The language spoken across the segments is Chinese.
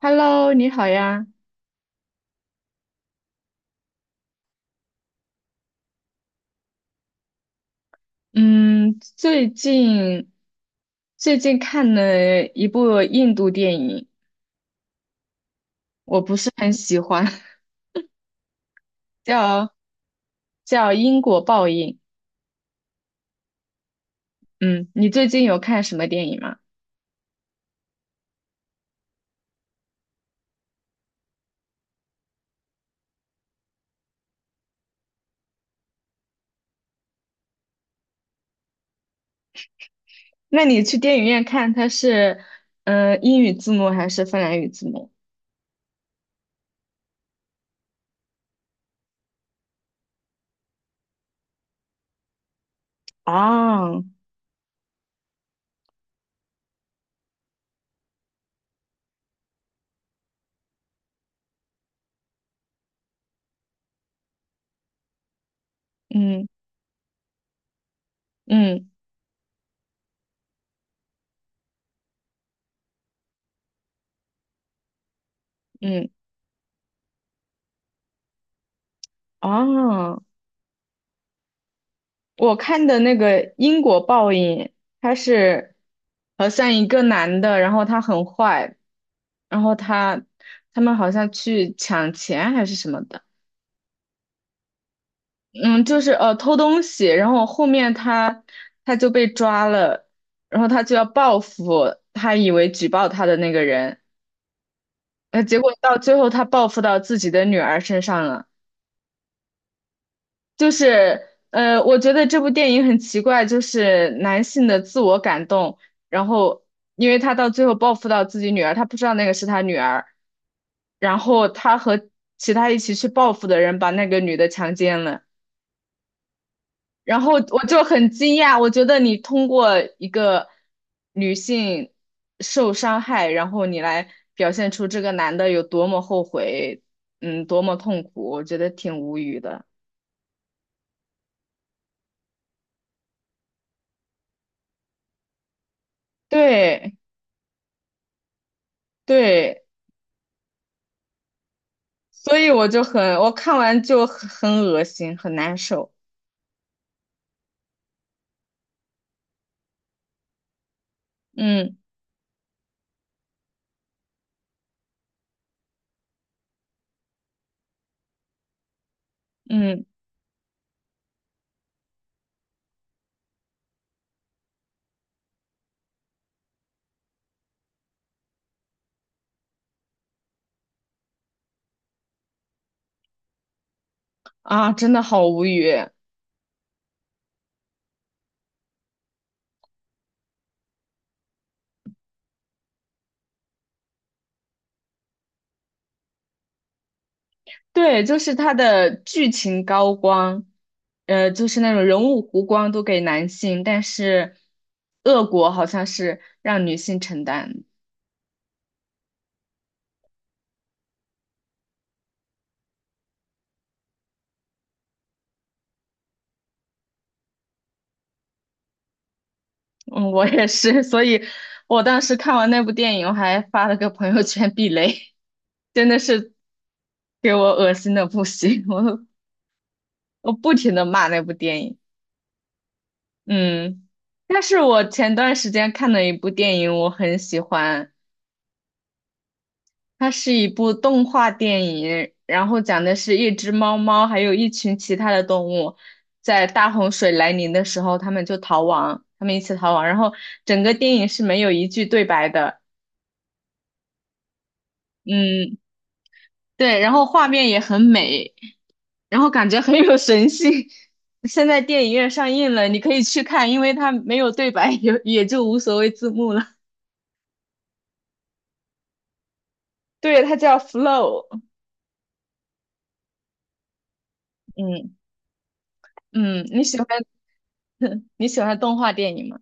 Hello，你好呀。嗯，最近最近看了一部印度电影，我不是很喜欢，叫叫《因果报应》。嗯，你最近有看什么电影吗？那你去电影院看，它是英语字幕还是芬兰语字幕？啊，嗯嗯嗯，哦，我看的那个因果报应，他是好像一个男的，然后他很坏，然后他他们好像去抢钱还是什么的，嗯，就是偷东西，然后后面他他就被抓了，然后他就要报复他以为举报他的那个人，结果到最后他报复到自己的女儿身上了。就是我觉得这部电影很奇怪，就是男性的自我感动，然后因为他到最后报复到自己女儿，他不知道那个是他女儿，然后他和其他一起去报复的人把那个女的强奸了，然后我就很惊讶，我觉得你通过一个女性受伤害，然后你来表现出这个男的有多么后悔，嗯，多么痛苦，我觉得挺无语的，对对。所以我就很，我看完就很恶心，很难受。嗯嗯。啊，真的好无语。对，就是他的剧情高光，就是那种人物弧光都给男性，但是恶果好像是让女性承担。嗯，我也是，所以我当时看完那部电影，我还发了个朋友圈避雷，真的是给我恶心的不行，我不停的骂那部电影。嗯，但是我前段时间看的一部电影，我很喜欢，它是一部动画电影，然后讲的是一只猫猫还有一群其他的动物，在大洪水来临的时候，他们就逃亡，他们一起逃亡，然后整个电影是没有一句对白的，嗯，对，然后画面也很美，然后感觉很有神性。现在电影院上映了，你可以去看，因为它没有对白，也就无所谓字幕了。对，它叫《Flow》。嗯嗯，你喜欢 你喜欢动画电影吗？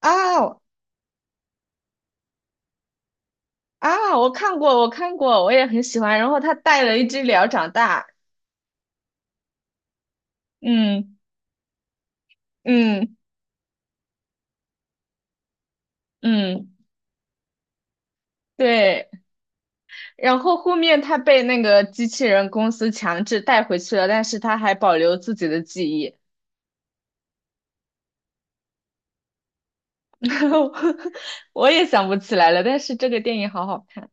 啊啊，我看过，我看过，我也很喜欢。然后他带了一只鸟长大，嗯嗯。嗯，对。然后后面他被那个机器人公司强制带回去了，但是他还保留自己的记忆。我也想不起来了，但是这个电影好好看。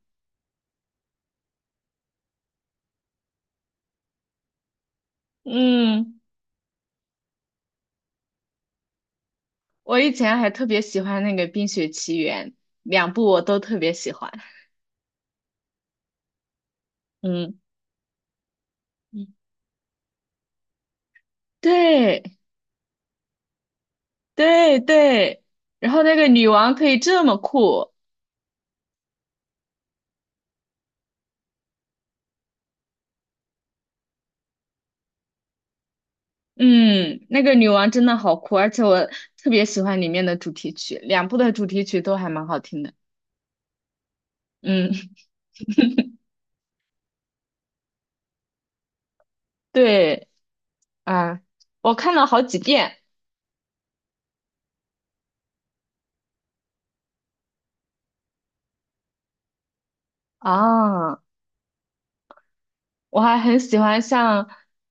嗯，我以前还特别喜欢那个《冰雪奇缘》，两部我都特别喜欢。嗯，嗯对。对对，然后那个女王可以这么酷，嗯，那个女王真的好酷，而且我特别喜欢里面的主题曲，两部的主题曲都还蛮好听的，嗯，对，啊，我看了好几遍。啊，我还很喜欢像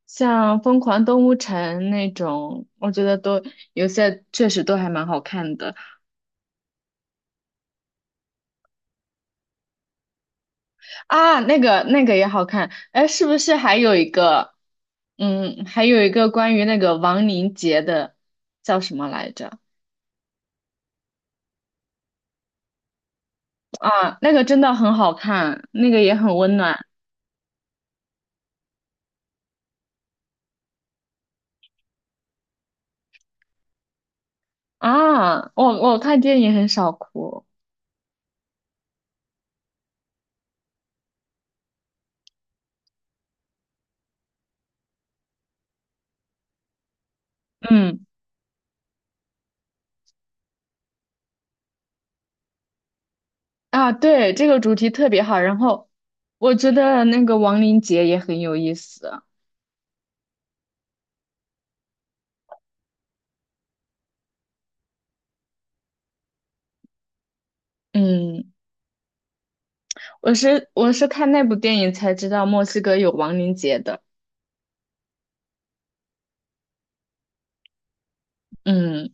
像《疯狂动物城》那种，我觉得都有些确实都还蛮好看的，啊，那个那个也好看，哎，是不是还有一个，嗯，还有一个关于那个亡灵节的，叫什么来着？啊，那个真的很好看，那个也很温暖。啊，我看电影很少哭，嗯啊，对，这个主题特别好。然后我觉得那个亡灵节也很有意思，嗯，我是看那部电影才知道墨西哥有亡灵节的，嗯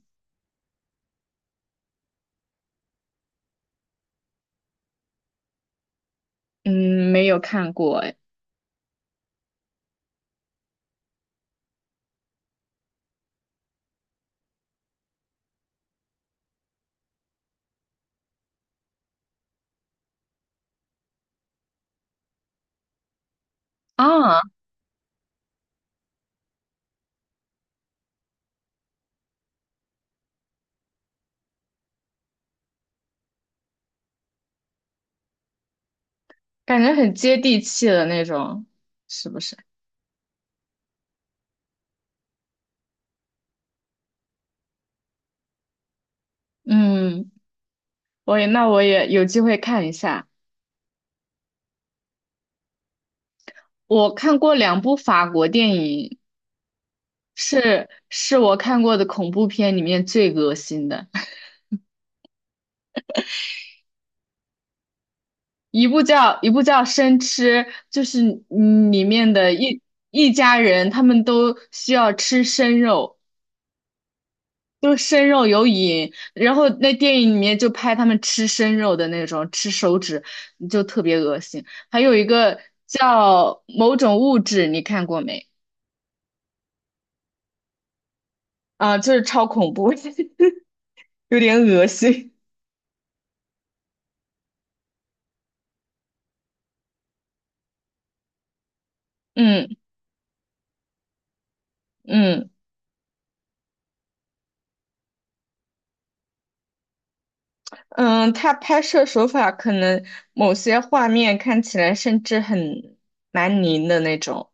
嗯，没有看过哎。啊，感觉很接地气的那种，是不是？嗯，我也，那我也有机会看一下。我看过两部法国电影，是我看过的恐怖片里面最恶心的，一部叫《生吃》，就是里面的一一家人，他们都需要吃生肉。就是生肉有瘾，然后那电影里面就拍他们吃生肉的那种，吃手指就特别恶心。还有一个叫某种物质，你看过没？啊，就是超恐怖，有点恶心。嗯嗯嗯，他拍摄手法可能某些画面看起来甚至很蛮凝的那种。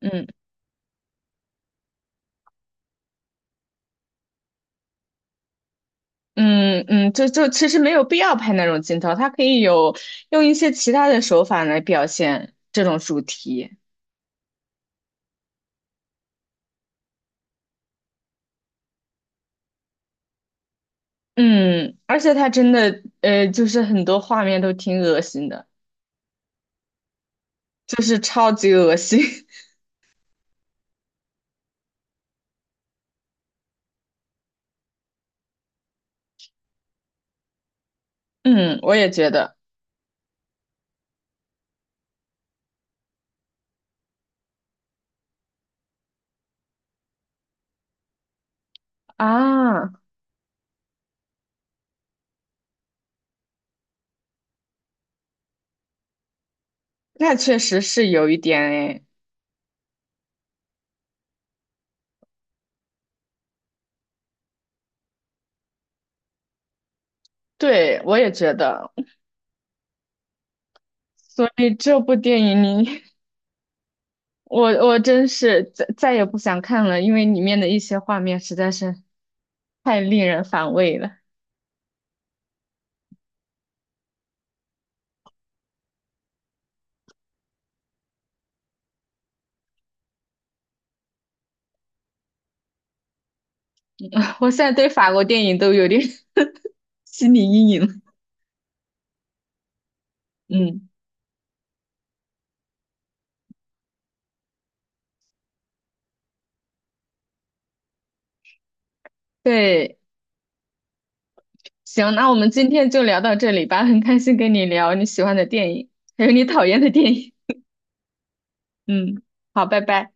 嗯嗯，就其实没有必要拍那种镜头，他可以有用一些其他的手法来表现这种主题。嗯，而且他真的，就是很多画面都挺恶心的，就是超级恶心。嗯，我也觉得。啊，那确实是有一点诶。对，我也觉得，所以这部电影你，我真是再也不想看了，因为里面的一些画面实在是太令人反胃了。我现在对法国电影都有点 心理阴影了。嗯，对。行，那我们今天就聊到这里吧，很开心跟你聊你喜欢的电影，还有你讨厌的电影。嗯，好，拜拜。